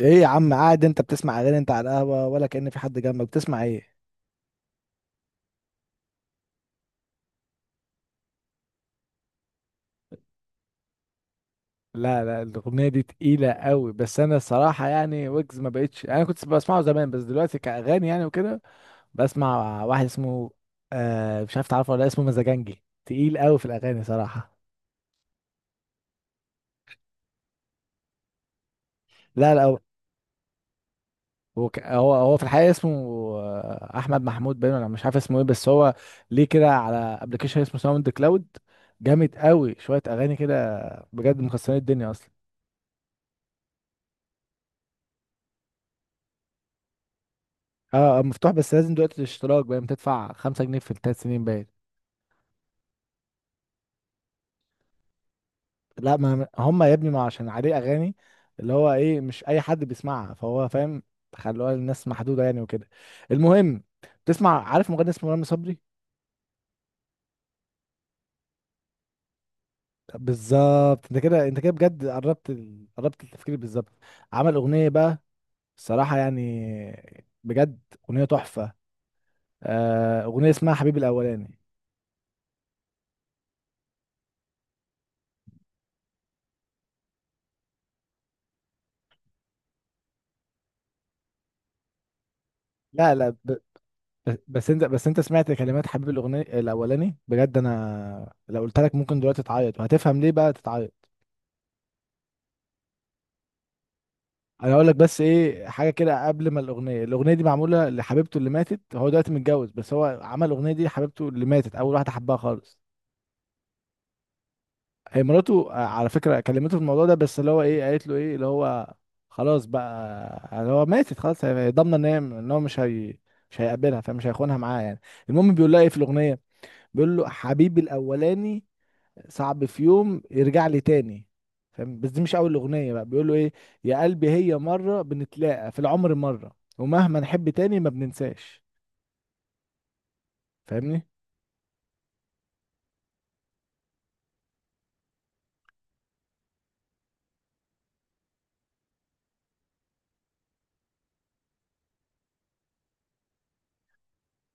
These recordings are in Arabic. ايه يا عم؟ قاعد انت بتسمع اغاني؟ انت على القهوه ولا كأن في حد جنبك؟ بتسمع ايه؟ لا لا، الاغنيه دي تقيله قوي. بس انا الصراحه يعني ويجز ما بقتش، انا كنت بسمعه زمان بس دلوقتي كاغاني يعني وكده. بسمع واحد اسمه... مش عارف تعرفه ولا لأ، اسمه مزاجنجي، تقيل قوي في الاغاني صراحه. لا لا، هو هو في الحقيقه اسمه... احمد محمود باين، انا مش عارف اسمه ايه بس هو ليه كده على ابلكيشن اسمه ساوند كلاود. جامد قوي، شويه اغاني كده بجد مكسرين الدنيا اصلا. اه، مفتوح بس لازم دلوقتي الاشتراك باين بتدفع 5 جنيه في ال3 سنين باين. لا، ما هم يا ابني ما عشان عليه اغاني اللي هو ايه، مش اي حد بيسمعها فهو فاهم. خلوها للناس محدودة يعني وكده. المهم، تسمع؟ عارف مغني اسمه رامي صبري؟ بالظبط، انت كده انت كده بجد قربت قربت التفكير بالظبط. عمل اغنية بقى الصراحة يعني بجد اغنية تحفة. اغنية اسمها حبيبي الاولاني. لا لا، بس انت سمعت كلمات حبيب الاغنيه الاولاني؟ بجد انا لو قلت لك ممكن دلوقتي تعيط، وهتفهم ليه بقى تتعيط. انا هقول لك بس ايه حاجه كده. قبل ما الاغنيه دي معموله لحبيبته اللي ماتت، هو دلوقتي متجوز بس هو عمل الاغنيه دي لحبيبته اللي ماتت، اول واحده حبها خالص. هي مراته على فكره كلمته في الموضوع ده، بس اللي هو ايه، قالت له ايه اللي هو خلاص بقى، اللي هو ماتت خلاص، هي ضامنه ان هي ان هو مش هي مش هيقابلها، فمش هيخونها معاه يعني. المهم، بيقول لها ايه في الاغنيه؟ بيقول له حبيبي الاولاني صعب في يوم يرجع لي تاني. فاهم؟ بس دي مش اول اغنيه بقى، بيقولوا ايه؟ يا قلبي هي مره بنتلاقى في العمر مره، ومهما نحب تاني ما بننساش. فاهمني؟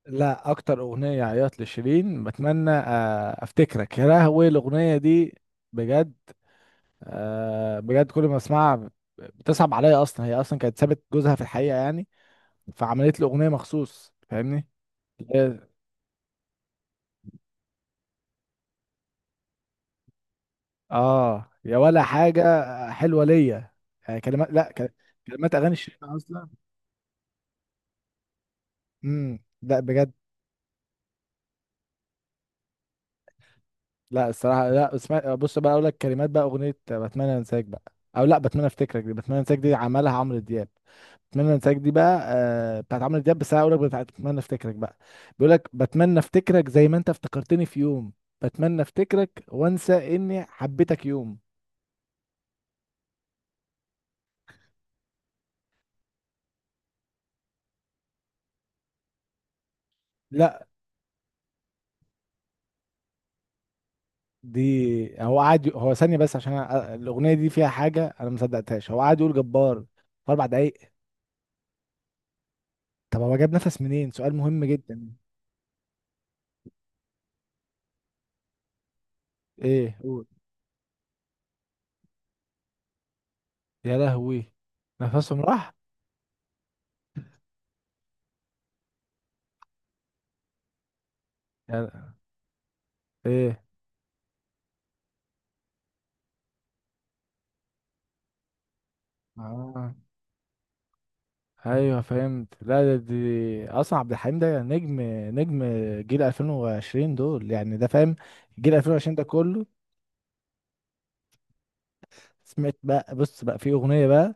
لا، اكتر اغنيه عيط لشيرين بتمنى افتكرك، يا لهوي الاغنيه دي بجد. بجد كل ما اسمعها بتصعب عليا. اصلا هي اصلا كانت سابت جوزها في الحقيقه يعني، فعملت له اغنيه مخصوص. فاهمني؟ اه يا ولا حاجه حلوه ليا، يعني كلمات، لا ك- كلمات اغاني الشيخ اصلا. لا بجد، لا الصراحه لا. اسمع بص بقى، اقول لك كلمات بقى اغنيه بتمنى انساك بقى، او لا بتمنى افتكرك. دي بتمنى انساك دي عملها عمرو دياب. بتمنى انساك دي بقى بتاعت عمرو دياب، بس انا اقول لك بتاعت بتمنى افتكرك بقى. بيقول لك بتمنى افتكرك زي ما انت افتكرتني في يوم، بتمنى افتكرك وانسى اني حبيتك يوم. لا، دي هو ثانية بس، عشان الأغنية دي فيها حاجة أنا ما صدقتهاش، هو قعد يقول جبار في 4 دقايق. طب هو جاب نفس منين؟ سؤال مهم جدا. إيه؟ قول. يا لهوي، نفسهم راح؟ يا ل- إيه؟ آه، أيوه فهمت. لا ده، دي أصلا عبد الحليم، ده نجم، نجم جيل 2020 دول يعني، ده فاهم جيل 2020 ده كله. سمعت بقى؟ بص بقى، في أغنية بقى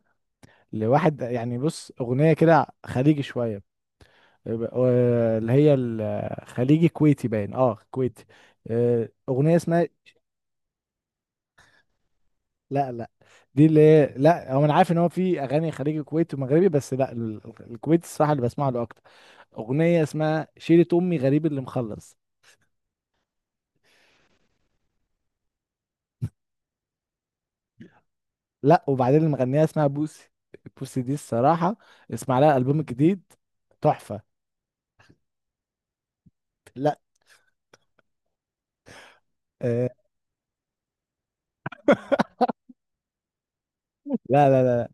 لواحد يعني، بص أغنية كده خليجي شوية، اللي هي الخليجي كويتي باين، اه كويتي. اغنيه اسمها... لا لا، دي اللي هي، لا هو انا عارف ان هو في اغاني خليجي كويتي ومغربي بس لا، الكويتي الصراحه اللي بسمع له اكتر. اغنيه اسمها شيرة امي غريب اللي مخلص. لا، وبعدين اللي مغنيها اسمها بوسي. بوسي دي الصراحه اسمع لها البوم جديد، تحفه. لا، آه، لا لا لا،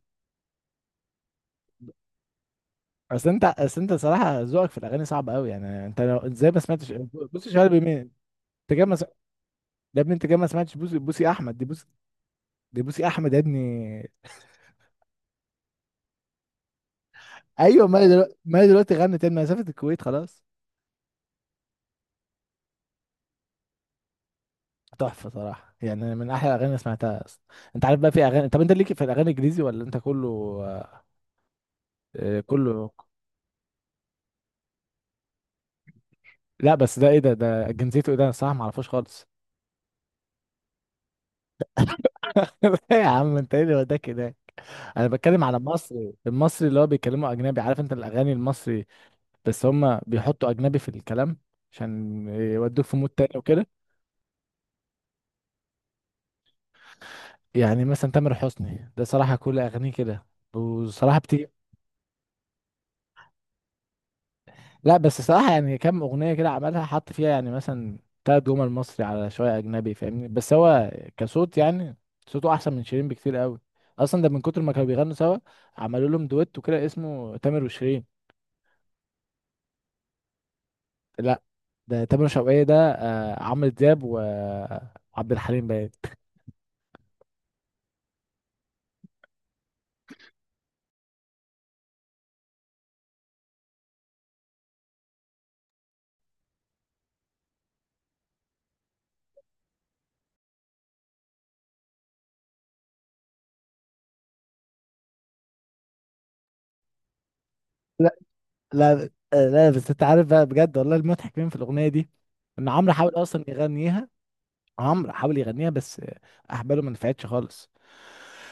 اصل انت صراحه ذوقك في الاغاني صعب قوي يعني، انت لو ازاي ما سمعتش. بص شهاب، مين انت جاي ما... ده ابني، انت كده ما سمعتش بوسي؟ بوسي احمد، دي بوسي، دي بوسي احمد يا ابني. ايوه، ما هي دلوقتي غنت تاني مسافه الكويت خلاص. تحفه صراحه يعني، من احلى الاغاني اللي سمعتها اصلا. انت عارف بقى في اغاني؟ طب انت ليك في الاغاني الانجليزي، ولا انت كله... كله. لا بس ده ايه؟ ده جنسيته ايه؟ ده انا الصراحه ما اعرفوش خالص. إيه يا عم؟ انت ايه اللي وداك هناك؟ انا بتكلم على المصري، المصري اللي هو بيتكلموا اجنبي، عارف انت الاغاني المصري؟ بس هم بيحطوا اجنبي في الكلام عشان يودوك في مود تاني وكده. يعني مثلا تامر حسني ده صراحة كل أغانيه كده، وصراحة بتيجي. لا بس صراحة يعني، كام أغنية كده عملها حط فيها يعني مثلا تلات جمل مصري على شوية أجنبي، فاهمني؟ بس هو كصوت يعني، صوته أحسن من شيرين بكتير قوي، أصلا ده من كتر ما كانوا بيغنوا سوا، عملوا لهم دويت وكده اسمه تامر وشيرين. لا، ده تامر شوقية، ده عمرو دياب وعبد الحليم باين. لا لا لا، بس انت عارف بقى، بجد والله المضحك مين في الاغنيه دي؟ ان عمرو حاول اصلا يغنيها، عمرو حاول يغنيها بس احباله ما نفعتش خالص.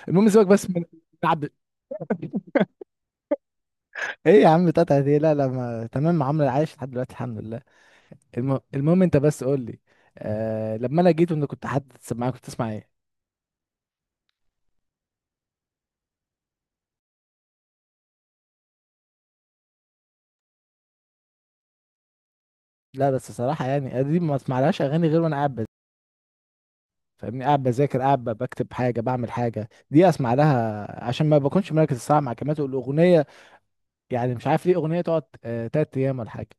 المهم، سيبك بس من عبد... ايه يا عم بتاعتها دي؟ لا لا، ما... تمام، عمرو عايش لحد دلوقتي الحمد لله. المهم انت بس قول لي. لما انا جيت وانت كنت حد معايا، كنت تسمع ايه؟ لا بس صراحة يعني دي ما اسمعلهاش اغاني غير وانا قاعد فاهمني، قاعد بذاكر، قاعد بكتب حاجة، بعمل حاجة. دي اسمع لها عشان ما بكونش مركز الساعة مع كلمات الاغنية، يعني مش عارف ليه اغنية تقعد 3 ايام ولا حاجة.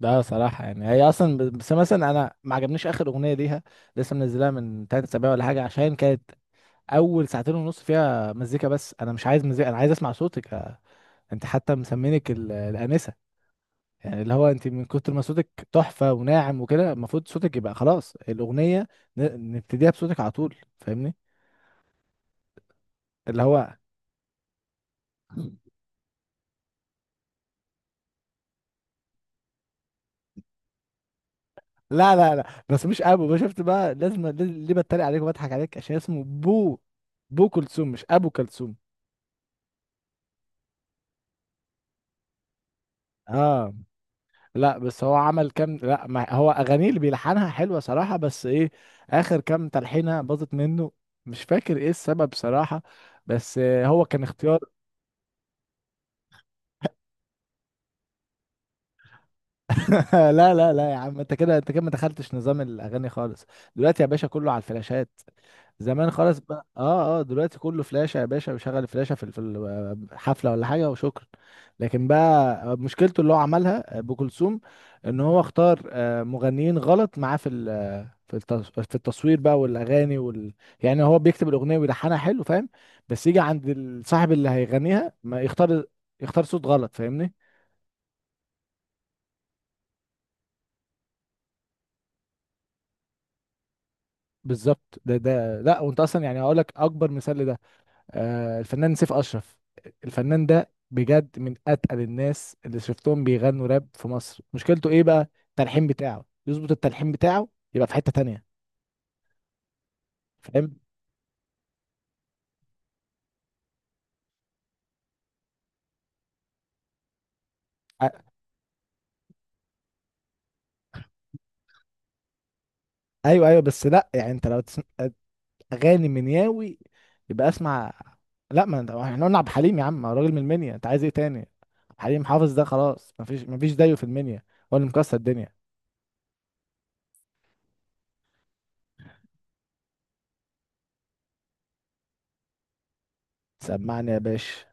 ده صراحة يعني هي أصلا بس مثلا أنا ما عجبنيش آخر أغنية ليها، لسه منزلها من 3 أسابيع ولا حاجة، عشان كانت أول 2:30 فيها مزيكا، بس أنا مش عايز مزيكا، أنا عايز أسمع صوتك. أنت حتى مسمينك الآنسة، يعني اللي هو أنت من كتر ما صوتك تحفة وناعم وكده، المفروض صوتك يبقى خلاص الأغنية نبتديها بصوتك على طول. فاهمني اللي هو... لا لا لا، بس مش أبو بقى، شفت بقى لازم ليه بتريق عليك وبضحك عليك؟ عشان اسمه بو، بو كلثوم مش أبو كلثوم. اه، لا بس هو عمل كام... لا ما هو اغانيه اللي بيلحنها حلوه صراحه، بس ايه، اخر كام تلحينه باظت منه، مش فاكر ايه السبب صراحه، بس هو كان اختيار. لا لا لا يا عم، انت كده انت كده ما دخلتش نظام الاغاني خالص. دلوقتي يا باشا كله على الفلاشات، زمان خالص بقى. اه، دلوقتي كله فلاشه يا باشا، وشغل فلاشه في الحفله ولا حاجه، وشكرا. لكن بقى مشكلته اللي هو عملها ابو كلثوم، ان هو اختار مغنيين غلط معاه في في في التصوير بقى والاغاني يعني هو بيكتب الاغنيه ويلحنها حلو، فاهم؟ بس يجي عند الصاحب اللي هيغنيها، ما يختار، يختار صوت غلط. فاهمني؟ بالظبط، ده لا وانت اصلا يعني هقول لك اكبر مثال لده، الفنان سيف اشرف. الفنان ده بجد من اتقل الناس اللي شفتهم بيغنوا راب في مصر، مشكلته ايه بقى؟ التلحين بتاعه يظبط، التلحين بتاعه يبقى في حته تانية. فاهم؟ آه، ايوه ايوه، بس لا يعني انت لو تسمع اغاني منياوي، يبقى اسمع. لا، ما انت- احنا قلنا عبد الحليم، يا عم هو راجل من المنيا، انت عايز ايه تاني؟ عبد الحليم حافظ ده خلاص، مفيش زيه في المنيا، هو اللي مكسر الدنيا. سمعني يا باشا.